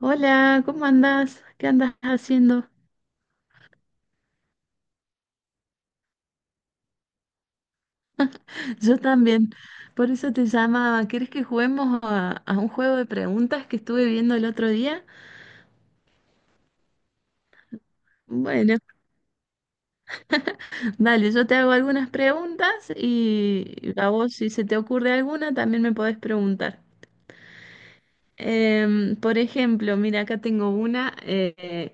Hola, ¿cómo andás? ¿Qué andas haciendo? Yo también. Por eso te llamaba. ¿Quieres que juguemos a un juego de preguntas que estuve viendo el otro día? Bueno, dale, yo te hago algunas preguntas y a vos, si se te ocurre alguna, también me podés preguntar. Por ejemplo, mira, acá tengo una.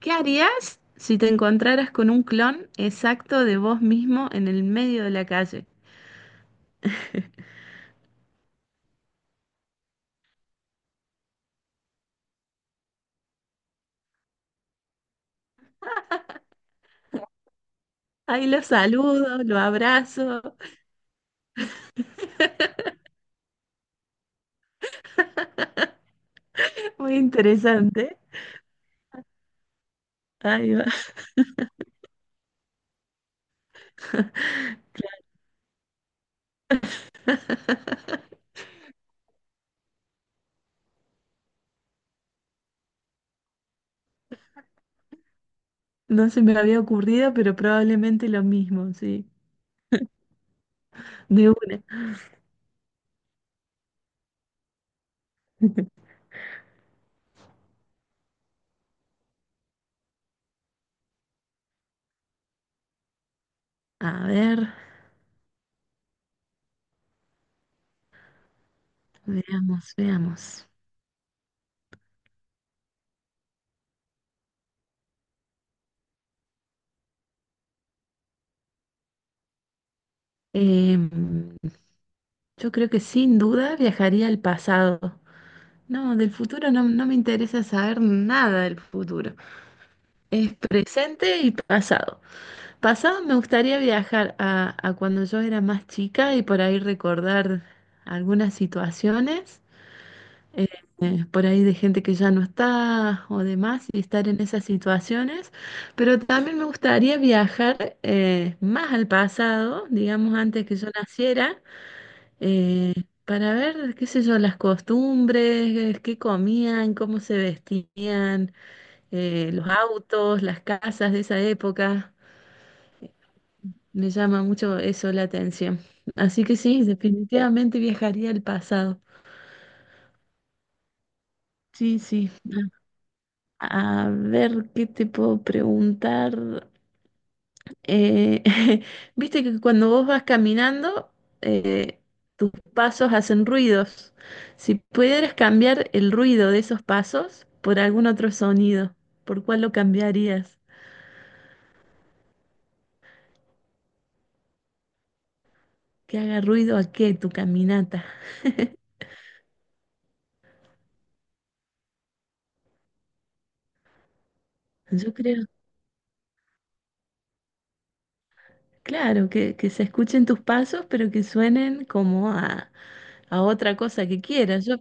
¿Qué harías si te encontraras con un clon exacto de vos mismo en el medio de la calle? Ahí lo saludo, lo abrazo. Muy interesante. Ahí va. No se me había ocurrido, pero probablemente lo mismo, sí. De una. A ver, veamos, veamos. Em, yo creo que sin duda viajaría al pasado. No, del futuro no, no me interesa saber nada del futuro. Es presente y pasado. Pasado me gustaría viajar a cuando yo era más chica y por ahí recordar algunas situaciones. eh, por ahí de gente que ya no está o demás y estar en esas situaciones, pero también me gustaría viajar más al pasado, digamos antes que yo naciera, eh, para ver, qué sé yo, las costumbres, qué comían, cómo se vestían, los autos, las casas de esa época. Me llama mucho eso la atención. Así que sí, definitivamente viajaría al pasado. Sí, sí. A ver, ¿qué te puedo preguntar? Eh, Viste que cuando vos vas caminando, eh, tus pasos hacen ruidos. Si pudieras cambiar el ruido de esos pasos por algún otro sonido, ¿por cuál lo cambiarías? ¿Que haga ruido a qué tu caminata? Yo creo, claro, que se escuchen tus pasos, pero que suenen como a otra cosa que quieras. Yo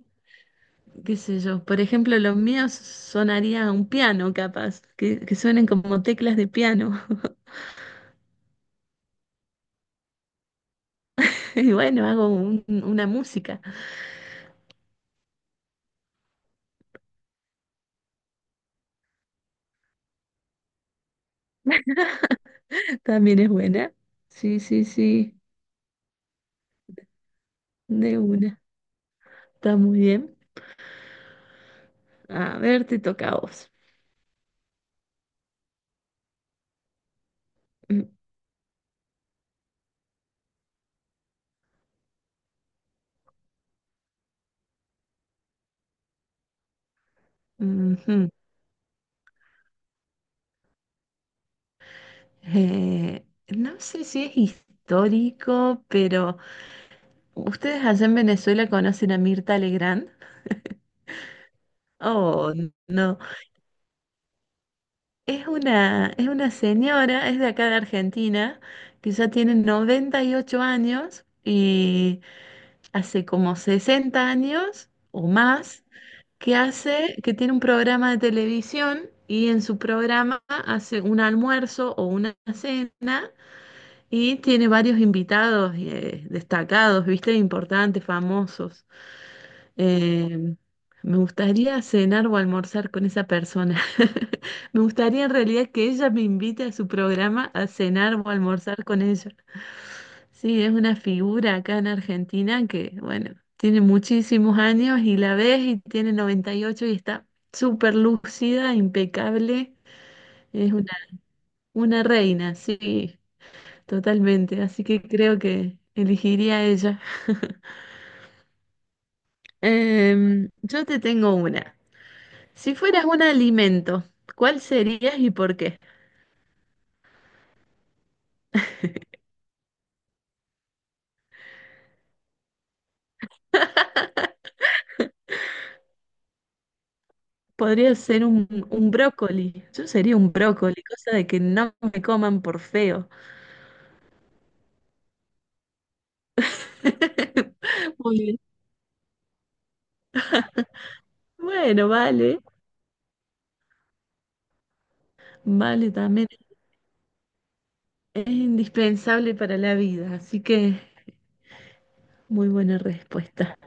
qué sé yo. Por ejemplo, los míos sonaría un piano, capaz, que suenen como teclas de piano. Y bueno, hago una música. También es buena. Sí, sí, sí, de una. Está muy bien. A ver, te toca a vos. Mm, ujú. No sé si es histórico, pero ¿ustedes allá en Venezuela conocen a Mirta Legrand? Oh, no. Es una señora, es de acá de Argentina, que ya tiene 98 años y hace como 60 años o más que tiene un programa de televisión y en su programa hace un almuerzo o una cena y tiene varios invitados destacados, ¿viste? Importantes, famosos. Eh, Me gustaría cenar o almorzar con esa persona. Me gustaría en realidad que ella me invite a su programa a cenar o almorzar con ella. Sí, es una figura acá en Argentina que, bueno, tiene muchísimos años y la ves y tiene 98 y ocho y está súper lúcida, impecable. Es una reina, sí, totalmente. Así que creo que elegiría a ella. Yo te tengo una. Si fueras un alimento, ¿cuál serías y por qué? Podría ser un brócoli. Yo sería un brócoli, cosa de que no me coman por feo. Muy bien. Bueno, vale, vale también. Es indispensable para la vida, así que muy buena respuesta.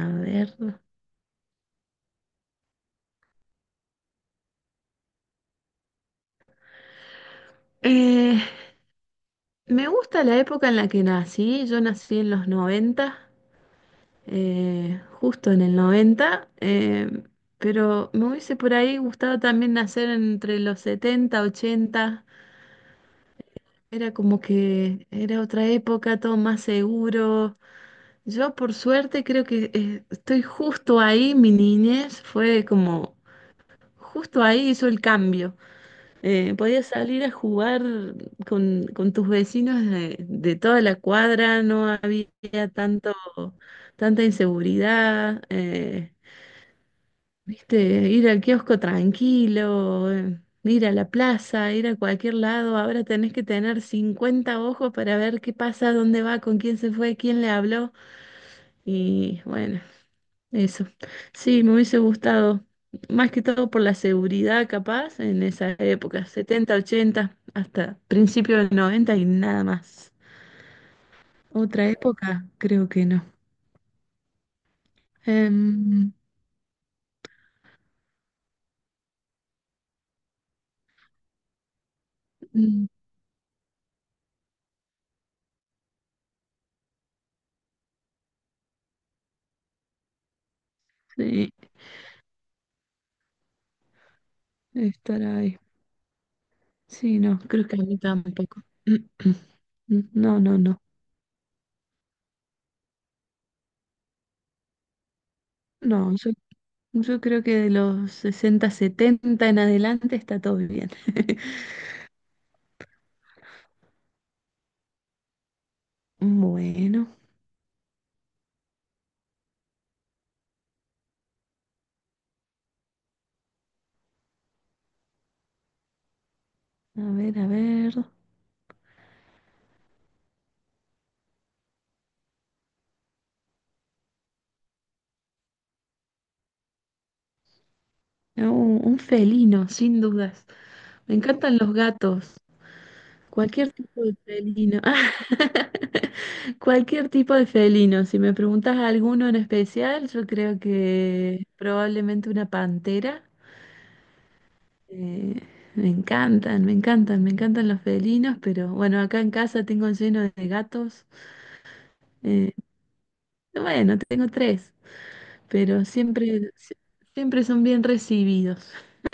A ver. Eh, Me gusta la época en la que nací. Yo nací en los 90. Justo en el 90, pero me hubiese por ahí gustado también nacer entre los 70 80. Era como que era otra época, todo más seguro. Yo por suerte creo que estoy justo ahí, mi niñez fue como, justo ahí hizo el cambio. Podías salir a jugar con tus vecinos de toda la cuadra, no había tanto, tanta inseguridad. ¿Viste? Ir al kiosco tranquilo, ir a la plaza, ir a cualquier lado. Ahora tenés que tener 50 ojos para ver qué pasa, dónde va, con quién se fue, quién le habló. Y bueno, eso. Sí, me hubiese gustado. Más que todo por la seguridad, capaz, en esa época, 70 80 hasta principio del 90 y nada más. Otra época, creo que no. Em, mm, sí, estar ahí. Sí, no, creo que a mí tampoco. Mm, no, no, no. No, yo creo que de los 60, 70 en adelante está todo bien. Bueno, a ver, a ver. No, un felino, sin dudas. Me encantan los gatos. Cualquier tipo de felino. Cualquier tipo de felino. Si me preguntas alguno en especial, yo creo que probablemente una pantera. Eh, Me encantan, me encantan, me encantan los felinos, pero bueno, acá en casa tengo lleno de gatos. Eh, bueno, tengo tres, pero siempre son bien recibidos.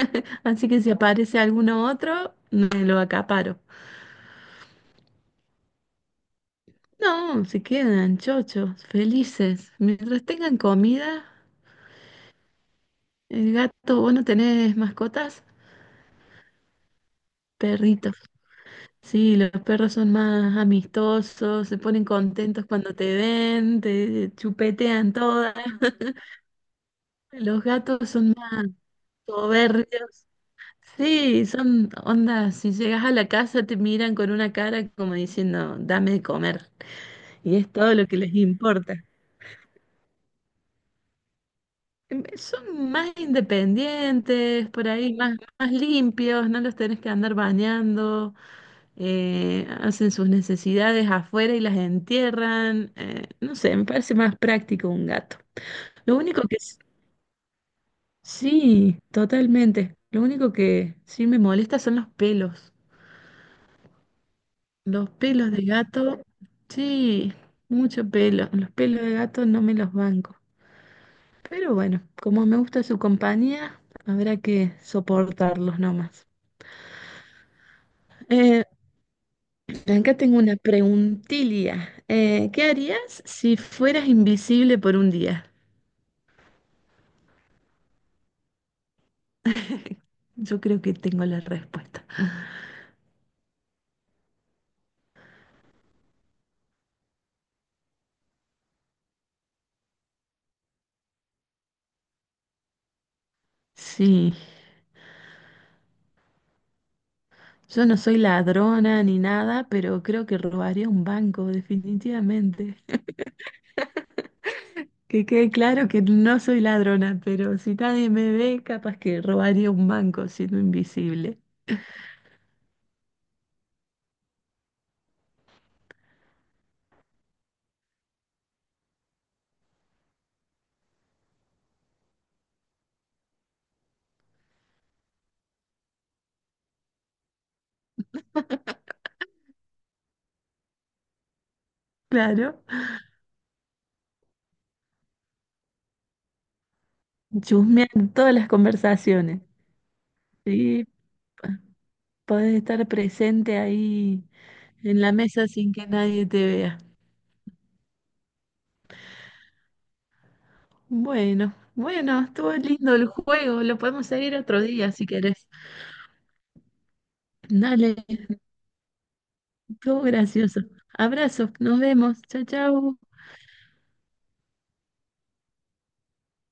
Así que si aparece alguno otro, me lo acaparo. No, se quedan chochos, felices. Mientras tengan comida, el gato, ¿vos no tenés mascotas? Perritos. Sí, los perros son más amistosos, se ponen contentos cuando te ven, te chupetean todas. Los gatos son más soberbios. Sí, son ondas, si llegas a la casa te miran con una cara como diciendo, dame de comer, y es todo lo que les importa. Son más independientes, por ahí más, más limpios, no los tenés que andar bañando, hacen sus necesidades afuera y las entierran. No sé, me parece más práctico un gato. Lo único que s- Sí, totalmente. Lo único que sí me molesta son los pelos. Los pelos de gato, sí, mucho pelo. Los pelos de gato no me los banco. Pero bueno, como me gusta su compañía, habrá que soportarlos nomás. Eh, Acá tengo una preguntilla. ¿Qué harías si fueras invisible por un día? Yo creo que tengo la respuesta. Sí, yo no soy ladrona ni nada, pero creo que robaría un banco, definitivamente. Que quede claro que no soy ladrona, pero si nadie me ve, capaz que robaría un banco siendo invisible. Claro, chusmean todas las conversaciones. Sí, p- podés estar presente ahí en la mesa sin que nadie te vea. Bueno, bueno, estuvo lindo el juego. Lo podemos seguir otro día si querés. Dale, estuvo gracioso. Abrazos, nos vemos. Chao, chao.